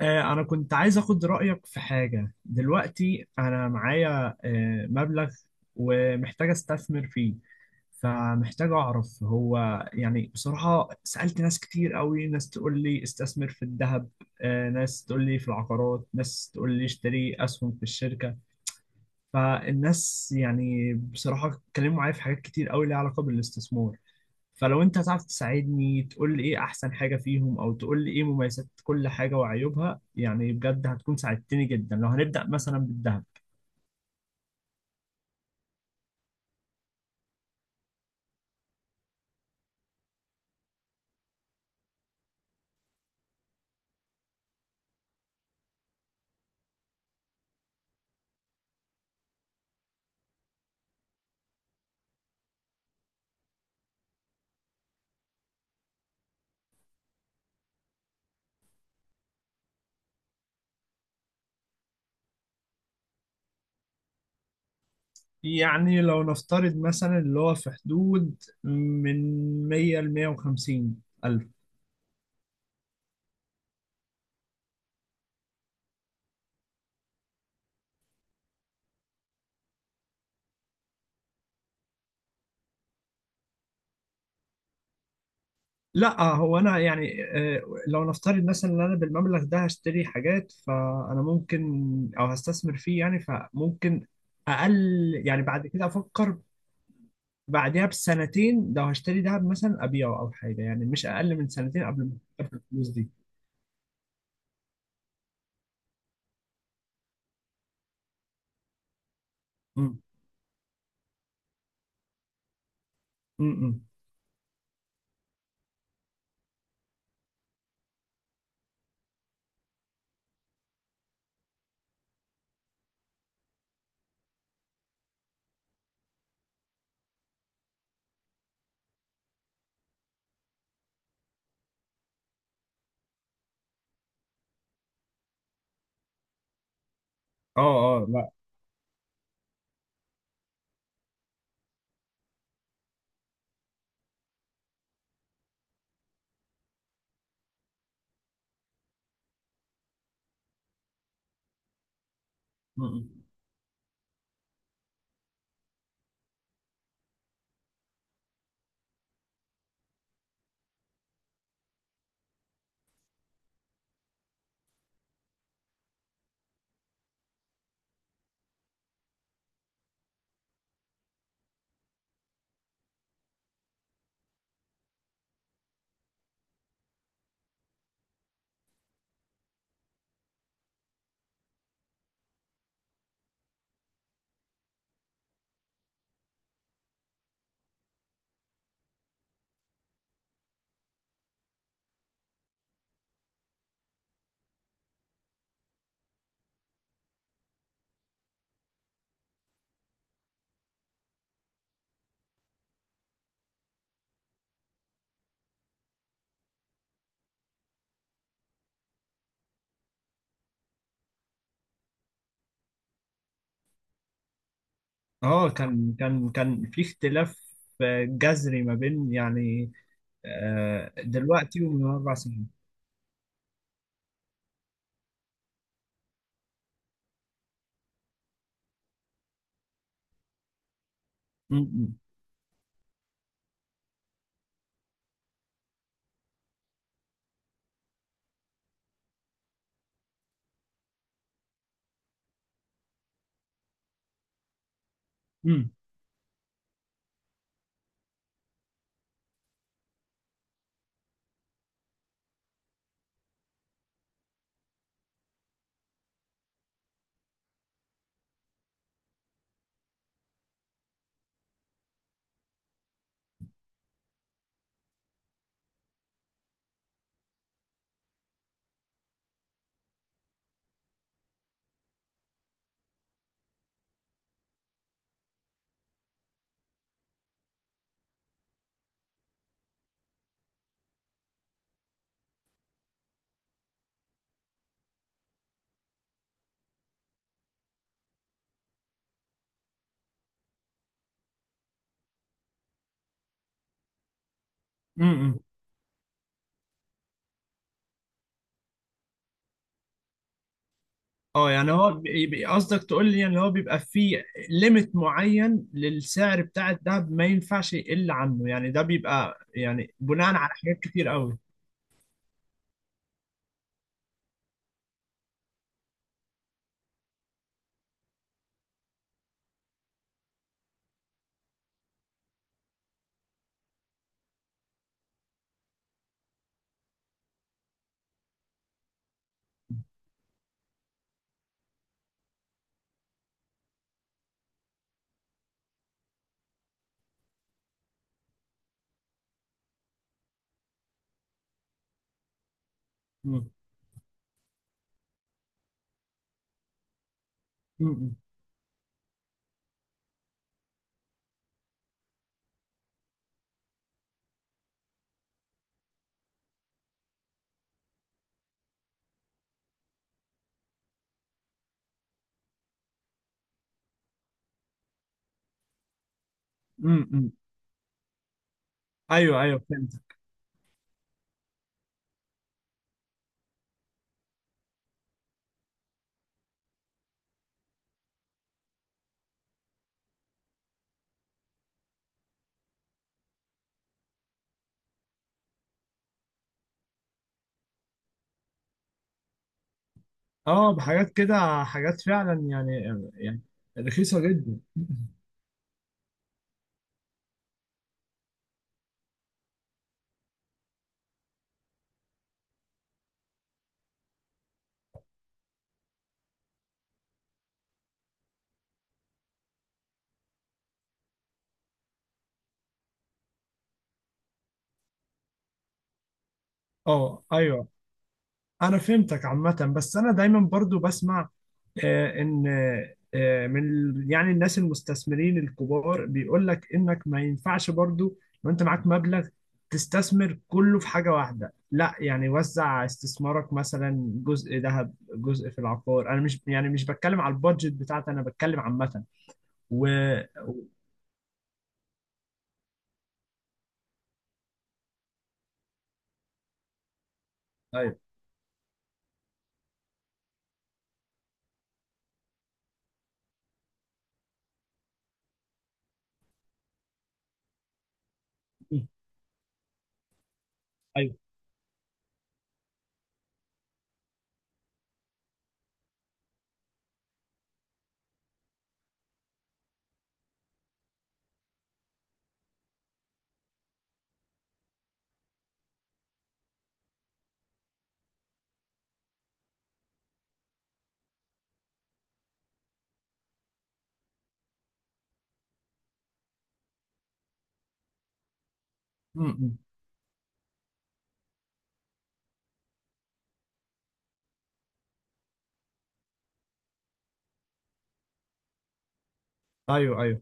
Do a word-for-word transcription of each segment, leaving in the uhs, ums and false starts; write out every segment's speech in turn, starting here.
آه، أنا كنت عايز أخد رأيك في حاجة. دلوقتي أنا معايا آه، مبلغ ومحتاج أستثمر فيه. فمحتاج أعرف هو، يعني بصراحة سألت ناس كتير قوي. ناس تقول لي استثمر في الذهب، آه، ناس تقول لي في العقارات، ناس تقول لي اشتري أسهم في الشركة. فالناس يعني بصراحة اتكلموا معايا في حاجات كتير قوي ليها علاقة بالاستثمار. فلو انت هتعرف تساعدني، تقول لي ايه احسن حاجة فيهم، او تقول لي ايه مميزات كل حاجة وعيوبها، يعني بجد هتكون ساعدتني جدا. لو هنبدأ مثلا بالذهب، يعني لو نفترض مثلا اللي هو في حدود من مية ل مية وخمسين ألف. لا، هو أنا يعني، آه، لو نفترض مثلا إن أنا بالمبلغ ده هشتري حاجات، فأنا ممكن، أو هستثمر فيه يعني، فممكن أقل يعني بعد كده أفكر. بعدها بسنتين لو هشتري دهب مثلا ابيعه او حاجه، يعني مش اقل من سنتين. قبل قبل الفلوس دي. امم. امم. اه. اه. لا. امم. اه، كان كان كان في اختلاف آه، جذري ما بين يعني، آه، دلوقتي ومن اربع سنين. امم. امم. امم. اه يعني هو بي- بي- قصدك تقول لي ان هو بيبقى فيه ليميت معين للسعر بتاع الدهب، ما ينفعش يقل عنه، يعني ده بيبقى يعني بناء على حاجات كتير قوي. امم. امم. ايوه، ايوه، فهمت. اه، بحاجات كده، حاجات فعلا يعني يعني رخيصه جدا. اه، ايوه انا فهمتك عامه، بس انا دايما برضو بسمع آه ان آه من ال- يعني الناس المستثمرين الكبار بيقول لك انك ما ينفعش برضو. لو انت معاك مبلغ تستثمر كله في حاجه واحده، لا يعني وزع استثمارك، مثلا جزء ذهب، جزء في العقار. انا مش، يعني مش بتكلم على البادجت بتاعتي، انا بتكلم عامه. و. ايوه. امم. ايوه، ايوه،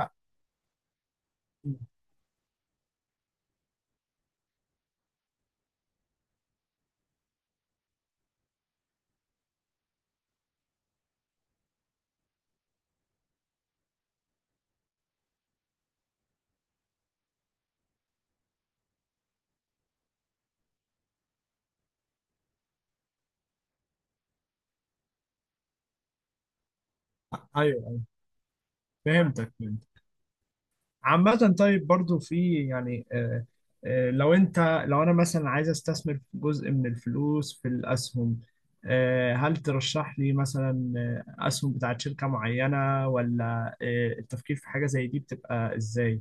أ- ايوه، أيوة. فهمتك فهمتك. عامة طيب، برضو في يعني، آه آه لو انت، لو انا مثلا عايز استثمر جزء من الفلوس في الاسهم، آه هل ترشح لي مثلا آه، اسهم بتاعت شركة معينة، ولا آه التفكير في حاجة زي دي بتبقى ازاي؟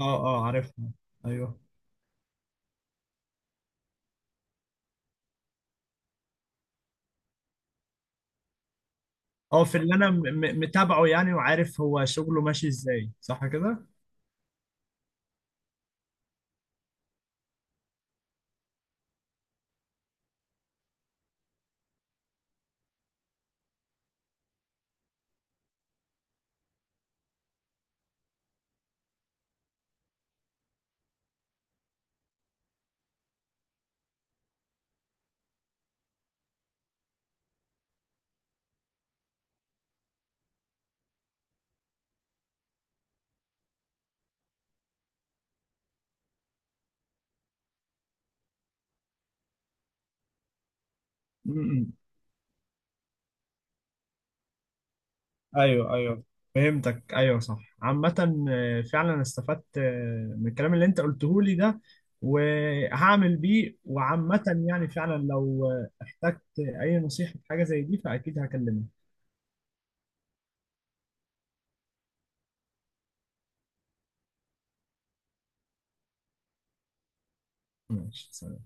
اه، اه، عارفها. ايوه. اه في اللي انا م- م- متابعه يعني، وعارف هو شغله ماشي ازاي، صح كده؟ م- م. ايوه، ايوه، فهمتك. ايوه صح. عامة آه، فعلا استفدت آه، من الكلام اللي انت قلته لي ده، وهعمل بيه. وعامة يعني فعلا لو آه، احتجت اي نصيحة في حاجة زي دي، فاكيد هكلمك. ماشي، سلام.